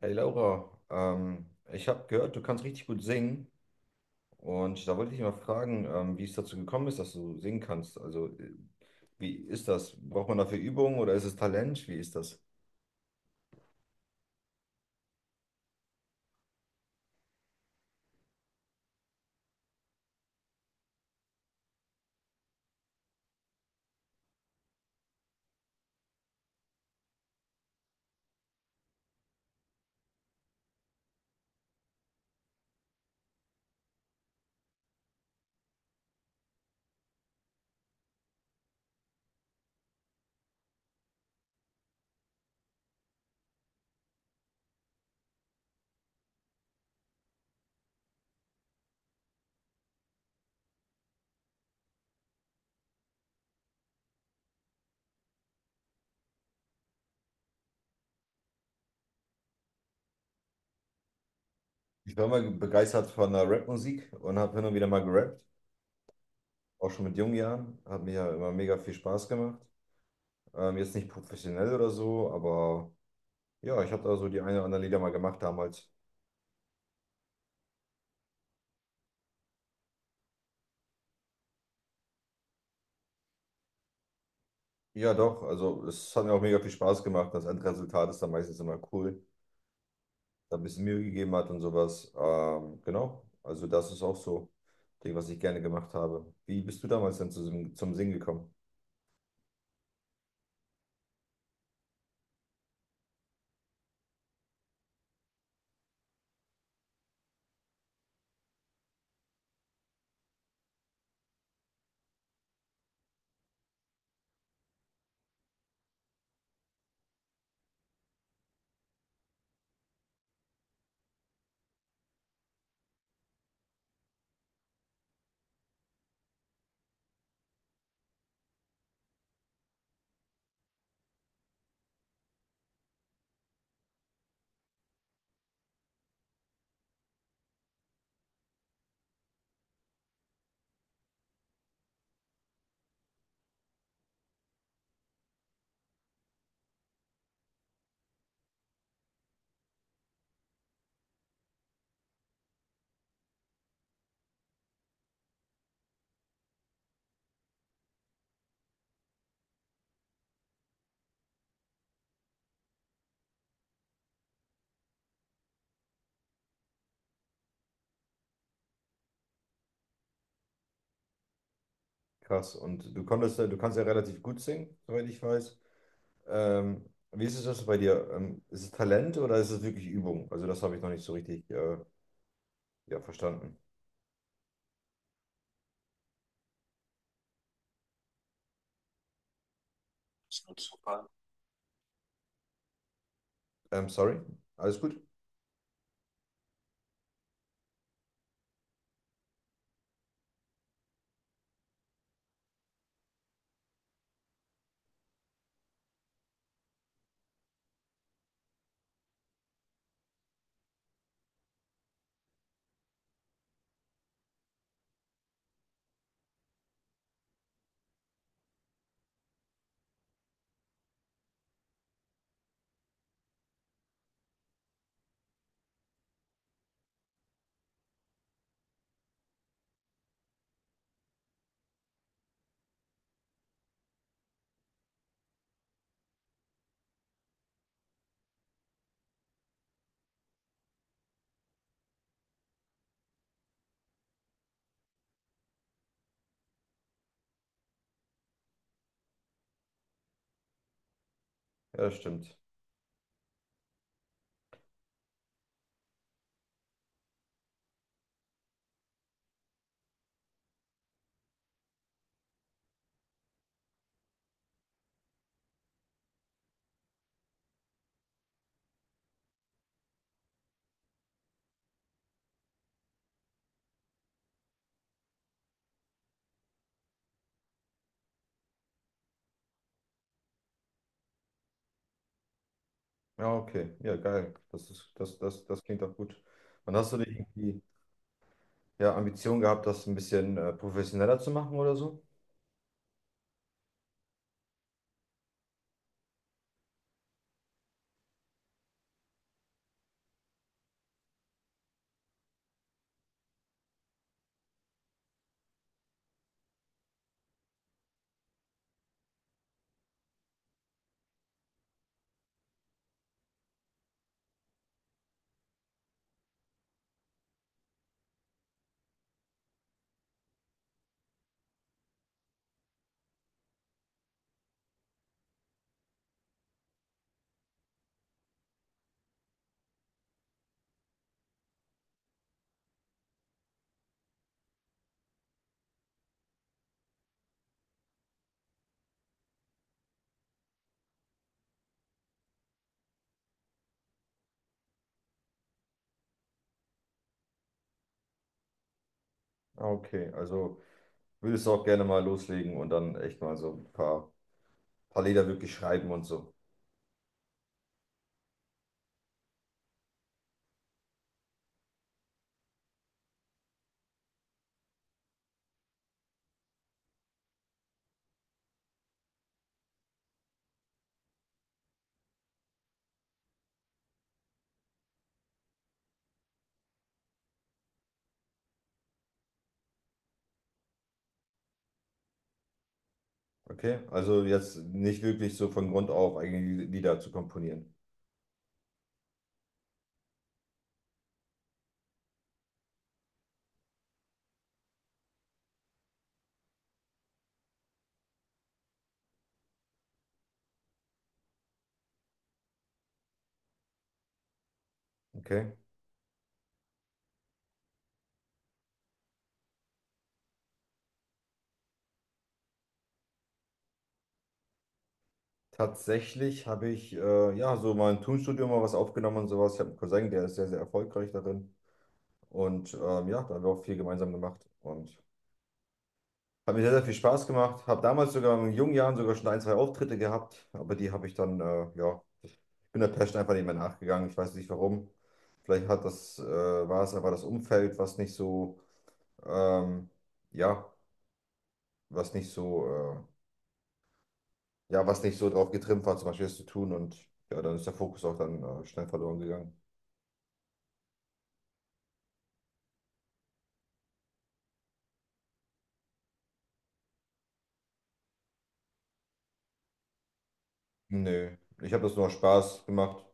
Hey Laura, ich habe gehört, du kannst richtig gut singen und da wollte ich mal fragen, wie es dazu gekommen ist, dass du singen kannst. Also wie ist das? Braucht man dafür Übung oder ist es Talent? Wie ist das? Ich war mal begeistert von der Rapmusik und habe hin und wieder mal gerappt, auch schon mit jungen Jahren. Hat mir ja immer mega viel Spaß gemacht. Jetzt nicht professionell oder so, aber ja, ich habe da so die eine oder andere Lieder mal gemacht damals. Ja, doch, also es hat mir auch mega viel Spaß gemacht. Das Endresultat ist dann meistens immer cool. Da ein bisschen Mühe gegeben hat und sowas. Genau, also das ist auch so ein Ding, was ich gerne gemacht habe. Wie bist du damals dann zum Singen gekommen? Krass. Und du konntest, ja- du kannst ja relativ gut singen, soweit ich weiß. Ähm, Wie ist es das bei dir? Ist es Talent oder ist es wirklich Übung? Also das habe ich noch nicht so richtig ja, verstanden. Sorry, alles gut? Ja, das stimmt. Ja, okay. Ja, geil. Das ist, das klingt auch gut. Und hast du nicht irgendwie ja, Ambition gehabt, das ein bisschen professioneller zu machen oder so? Ah, okay, also würdest du auch gerne mal loslegen und dann echt mal so ein paar Lieder wirklich schreiben und so. Okay, also jetzt nicht wirklich so von Grund auf eigene Lieder zu komponieren. Okay. Tatsächlich habe ich ja so mal im Tonstudio mal was aufgenommen und sowas. Ich habe einen Cousin, der ist sehr, sehr erfolgreich darin. Und ja, da haben wir auch viel gemeinsam gemacht und hat mir sehr, sehr viel Spaß gemacht. Habe damals sogar in jungen Jahren sogar schon ein, zwei Auftritte gehabt, aber die habe ich dann, ja, ich bin der Passion einfach nicht mehr nachgegangen. Ich weiß nicht warum. Vielleicht hat das, war es aber das Umfeld, was nicht so, ähm, ja, was nicht so, ja, was nicht so drauf getrimmt war, zum Beispiel das zu tun und ja, dann ist der Fokus auch dann schnell verloren gegangen. Nö, ich habe das nur aus Spaß gemacht,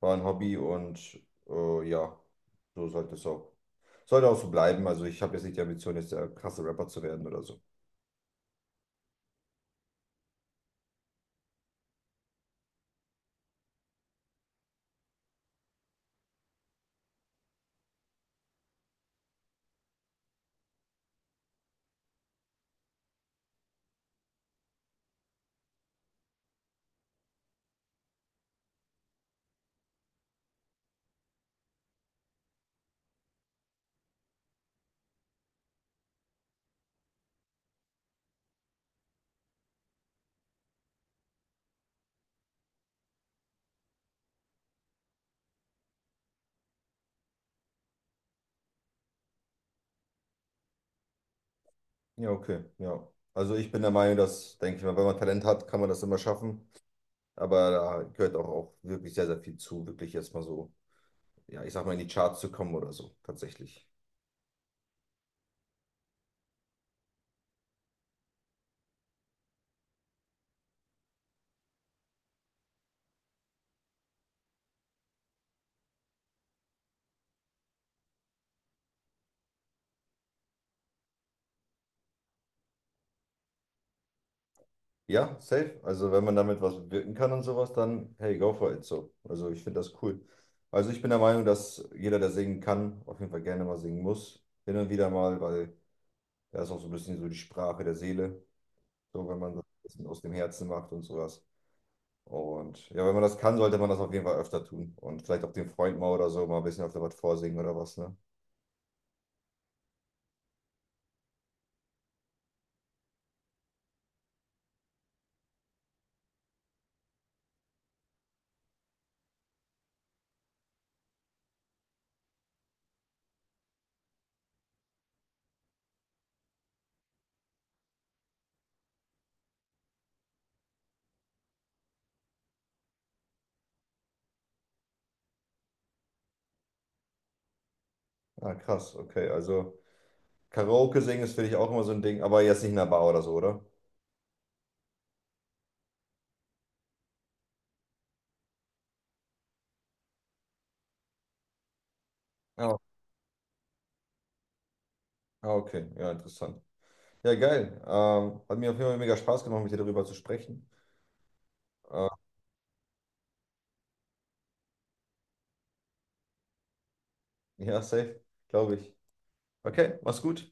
war ein Hobby und ja, so sollte es auch. Sollte auch so bleiben. Also ich habe jetzt nicht die Ambition, jetzt der krasse Rapper zu werden oder so. Ja, okay, ja. Also ich bin der Meinung, dass, denke ich mal, wenn man Talent hat, kann man das immer schaffen. Aber da gehört auch, auch wirklich sehr, sehr viel zu, wirklich erstmal so ja, ich sag mal, in die Charts zu kommen oder so, tatsächlich. Ja, safe. Also wenn man damit was bewirken kann und sowas, dann hey, go for it so. Also ich finde das cool. Also ich bin der Meinung, dass jeder, der singen kann, auf jeden Fall gerne mal singen muss. Hin und wieder mal, weil das ist auch so ein bisschen so die Sprache der Seele. So, wenn man das ein bisschen aus dem Herzen macht und sowas. Und ja, wenn man das kann, sollte man das auf jeden Fall öfter tun. Und vielleicht auch dem Freund mal oder so mal ein bisschen öfter was vorsingen oder was, ne? Ah, krass, okay. Also Karaoke singen ist, finde ich, auch immer so ein Ding, aber jetzt nicht in einer Bar oder so, oder? Ja, ah, okay, ja, interessant. Ja, geil. Hat mir auf jeden Fall mega Spaß gemacht, mit dir darüber zu sprechen. Äh, ja, safe, glaube ich. Okay, mach's gut.